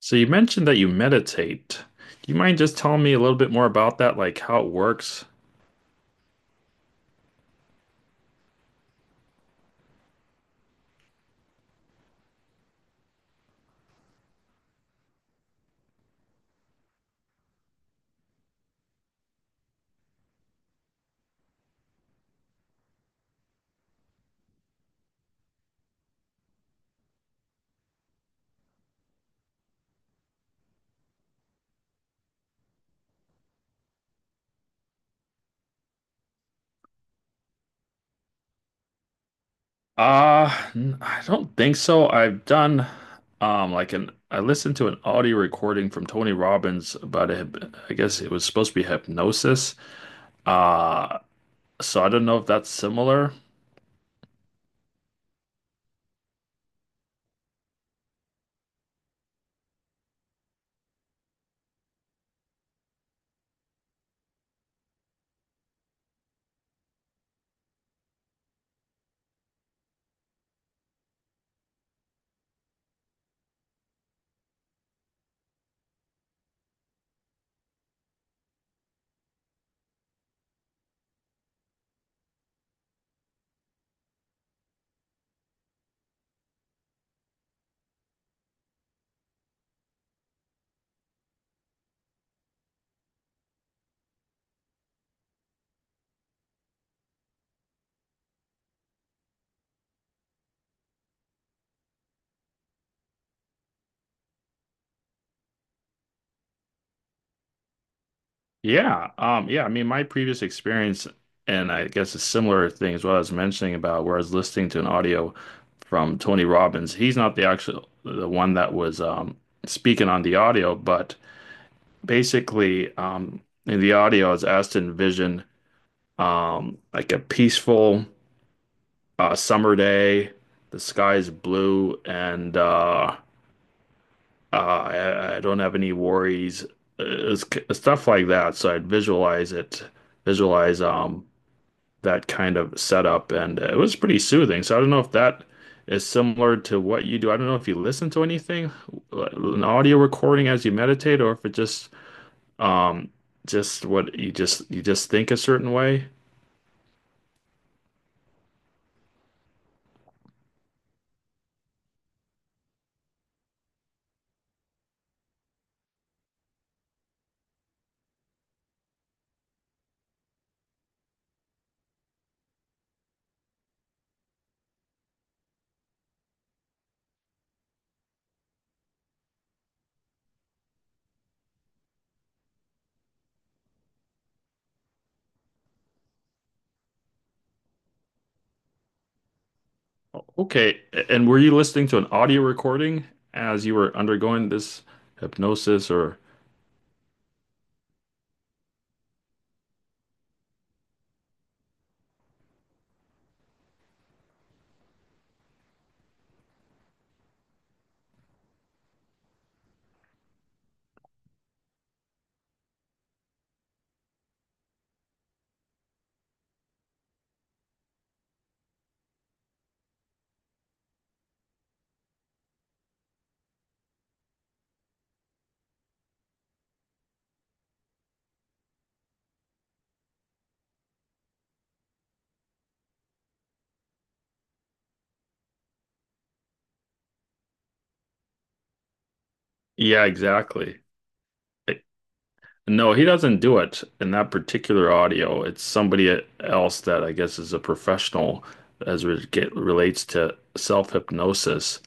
So you mentioned that you meditate. Do you mind just telling me a little bit more about that, like how it works? I don't think so. I've done like an I listened to an audio recording from Tony Robbins about a, I guess it was supposed to be hypnosis. Uh, so I don't know if that's similar. Yeah. I mean, my previous experience, and I guess a similar thing as well. I was mentioning about where I was listening to an audio from Tony Robbins. He's not the one that was speaking on the audio, but basically, in the audio, I was asked to envision like a peaceful summer day. The sky is blue, and I don't have any worries. It's, Stuff like that. So I'd visualize that kind of setup, and it was pretty soothing. So I don't know if that is similar to what you do. I don't know if you listen to anything, an audio recording as you meditate, or if it um just what you just think a certain way. Okay, and were you listening to an audio recording as you were undergoing this hypnosis, or yeah, exactly. No, he doesn't do it in that particular audio. It's somebody else that I guess is a professional as it relates to self-hypnosis.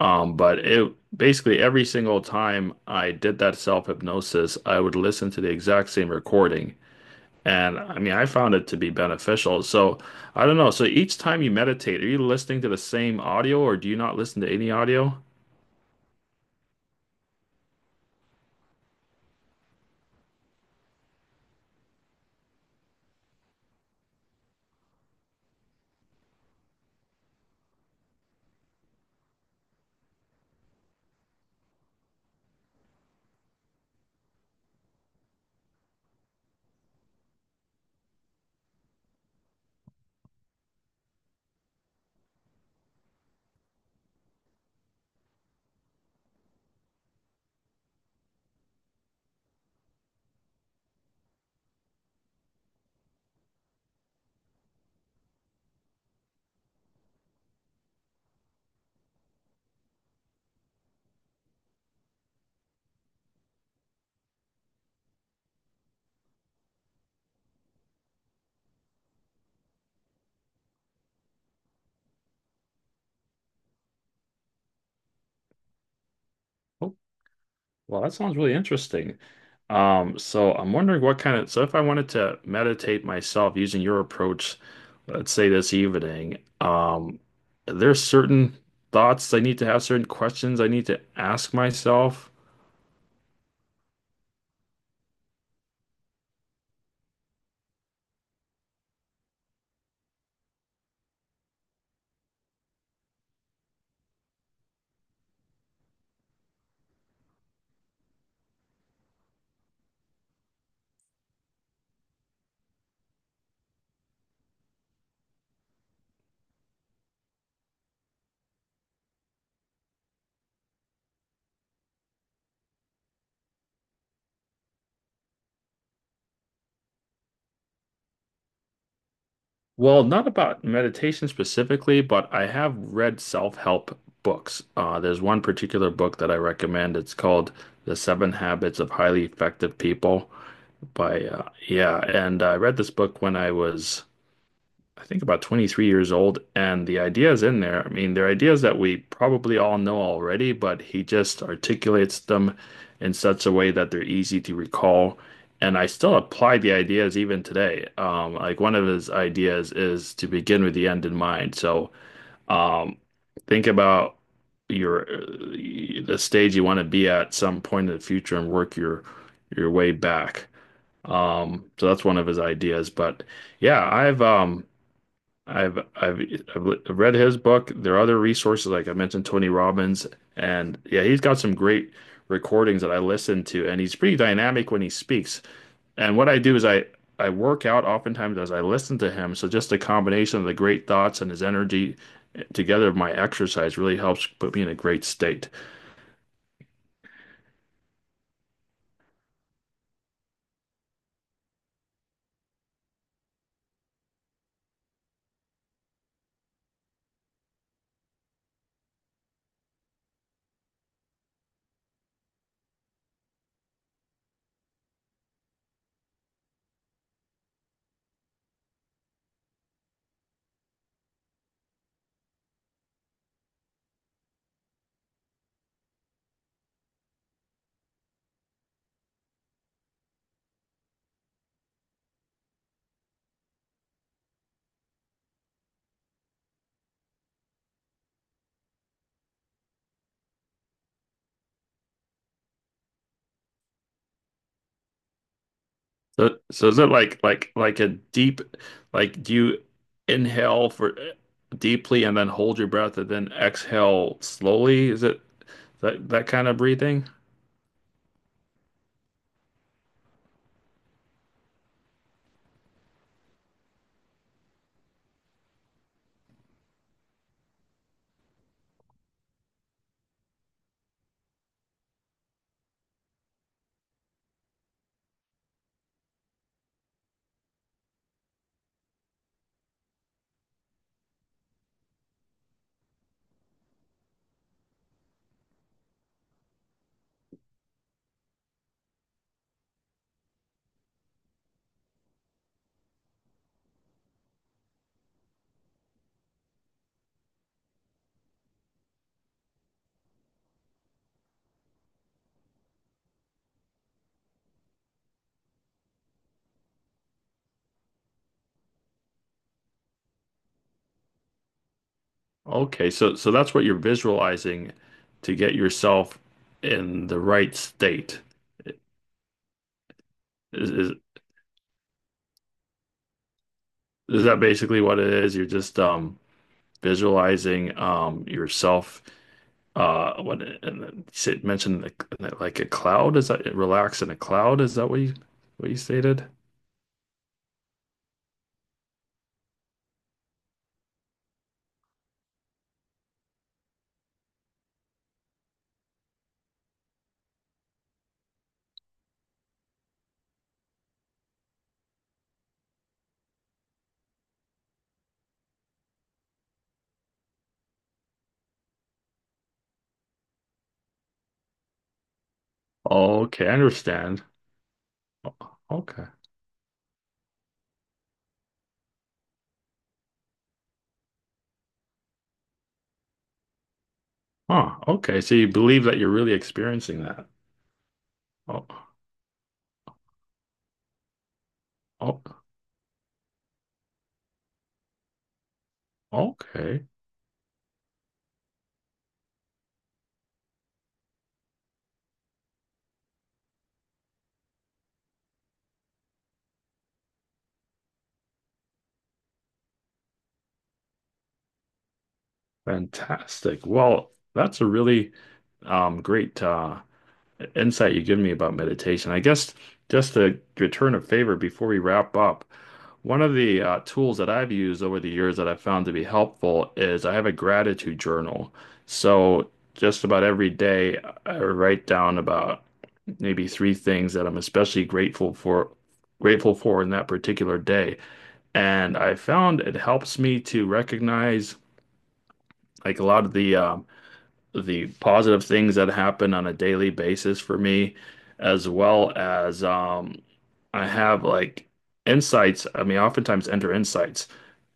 But it basically every single time I did that self-hypnosis, I would listen to the exact same recording. And I mean, I found it to be beneficial. So I don't know. So each time you meditate, are you listening to the same audio or do you not listen to any audio? Well, that sounds really interesting. So I'm wondering what kind of, so if I wanted to meditate myself using your approach, let's say this evening, there's certain thoughts I need to have, certain questions I need to ask myself. Well, not about meditation specifically, but I have read self-help books. There's one particular book that I recommend. It's called The Seven Habits of Highly Effective People by, yeah, and I read this book when I think about 23 years old, and the ideas in there, I mean, they're ideas that we probably all know already, but he just articulates them in such a way that they're easy to recall. And I still apply the ideas even today. Like one of his ideas is to begin with the end in mind. So, um, think about your the stage you want to be at some point in the future and work your way back. So that's one of his ideas. But yeah, I've I've read his book. There are other resources, like I mentioned, Tony Robbins, and yeah, he's got some great recordings that I listen to, and he's pretty dynamic when he speaks. And what I do is I work out oftentimes as I listen to him. So just the combination of the great thoughts and his energy together with my exercise really helps put me in a great state. So, so is it like a deep, like do you inhale for deeply and then hold your breath and then exhale slowly? Is it that kind of breathing? Okay, so so that's what you're visualizing to get yourself in the right state. Is is, is that basically what it is? You're just visualizing yourself what and then you mentioned the, like a cloud. Is that relax in a cloud? Is that what you stated? Okay, I understand. O- Okay. Huh. Okay. So you believe that you're really experiencing that. Oh, oh, okay. Fantastic. Well, that's a really great insight you give me about meditation. I guess just to return a favor before we wrap up, one of the tools that I've used over the years that I've found to be helpful is I have a gratitude journal. So just about every day, I write down about maybe three things that I'm especially grateful for. Grateful for in that particular day. And I found it helps me to recognize like a lot of the positive things that happen on a daily basis for me, as well as I have like insights. I mean, oftentimes enter insights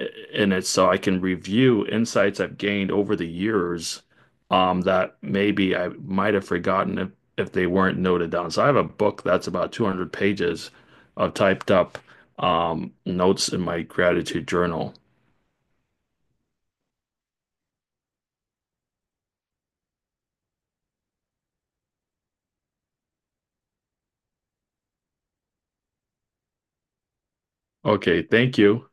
in it so I can review insights I've gained over the years that maybe I might have forgotten if they weren't noted down. So I have a book that's about 200 pages of typed up notes in my gratitude journal. Okay, thank you.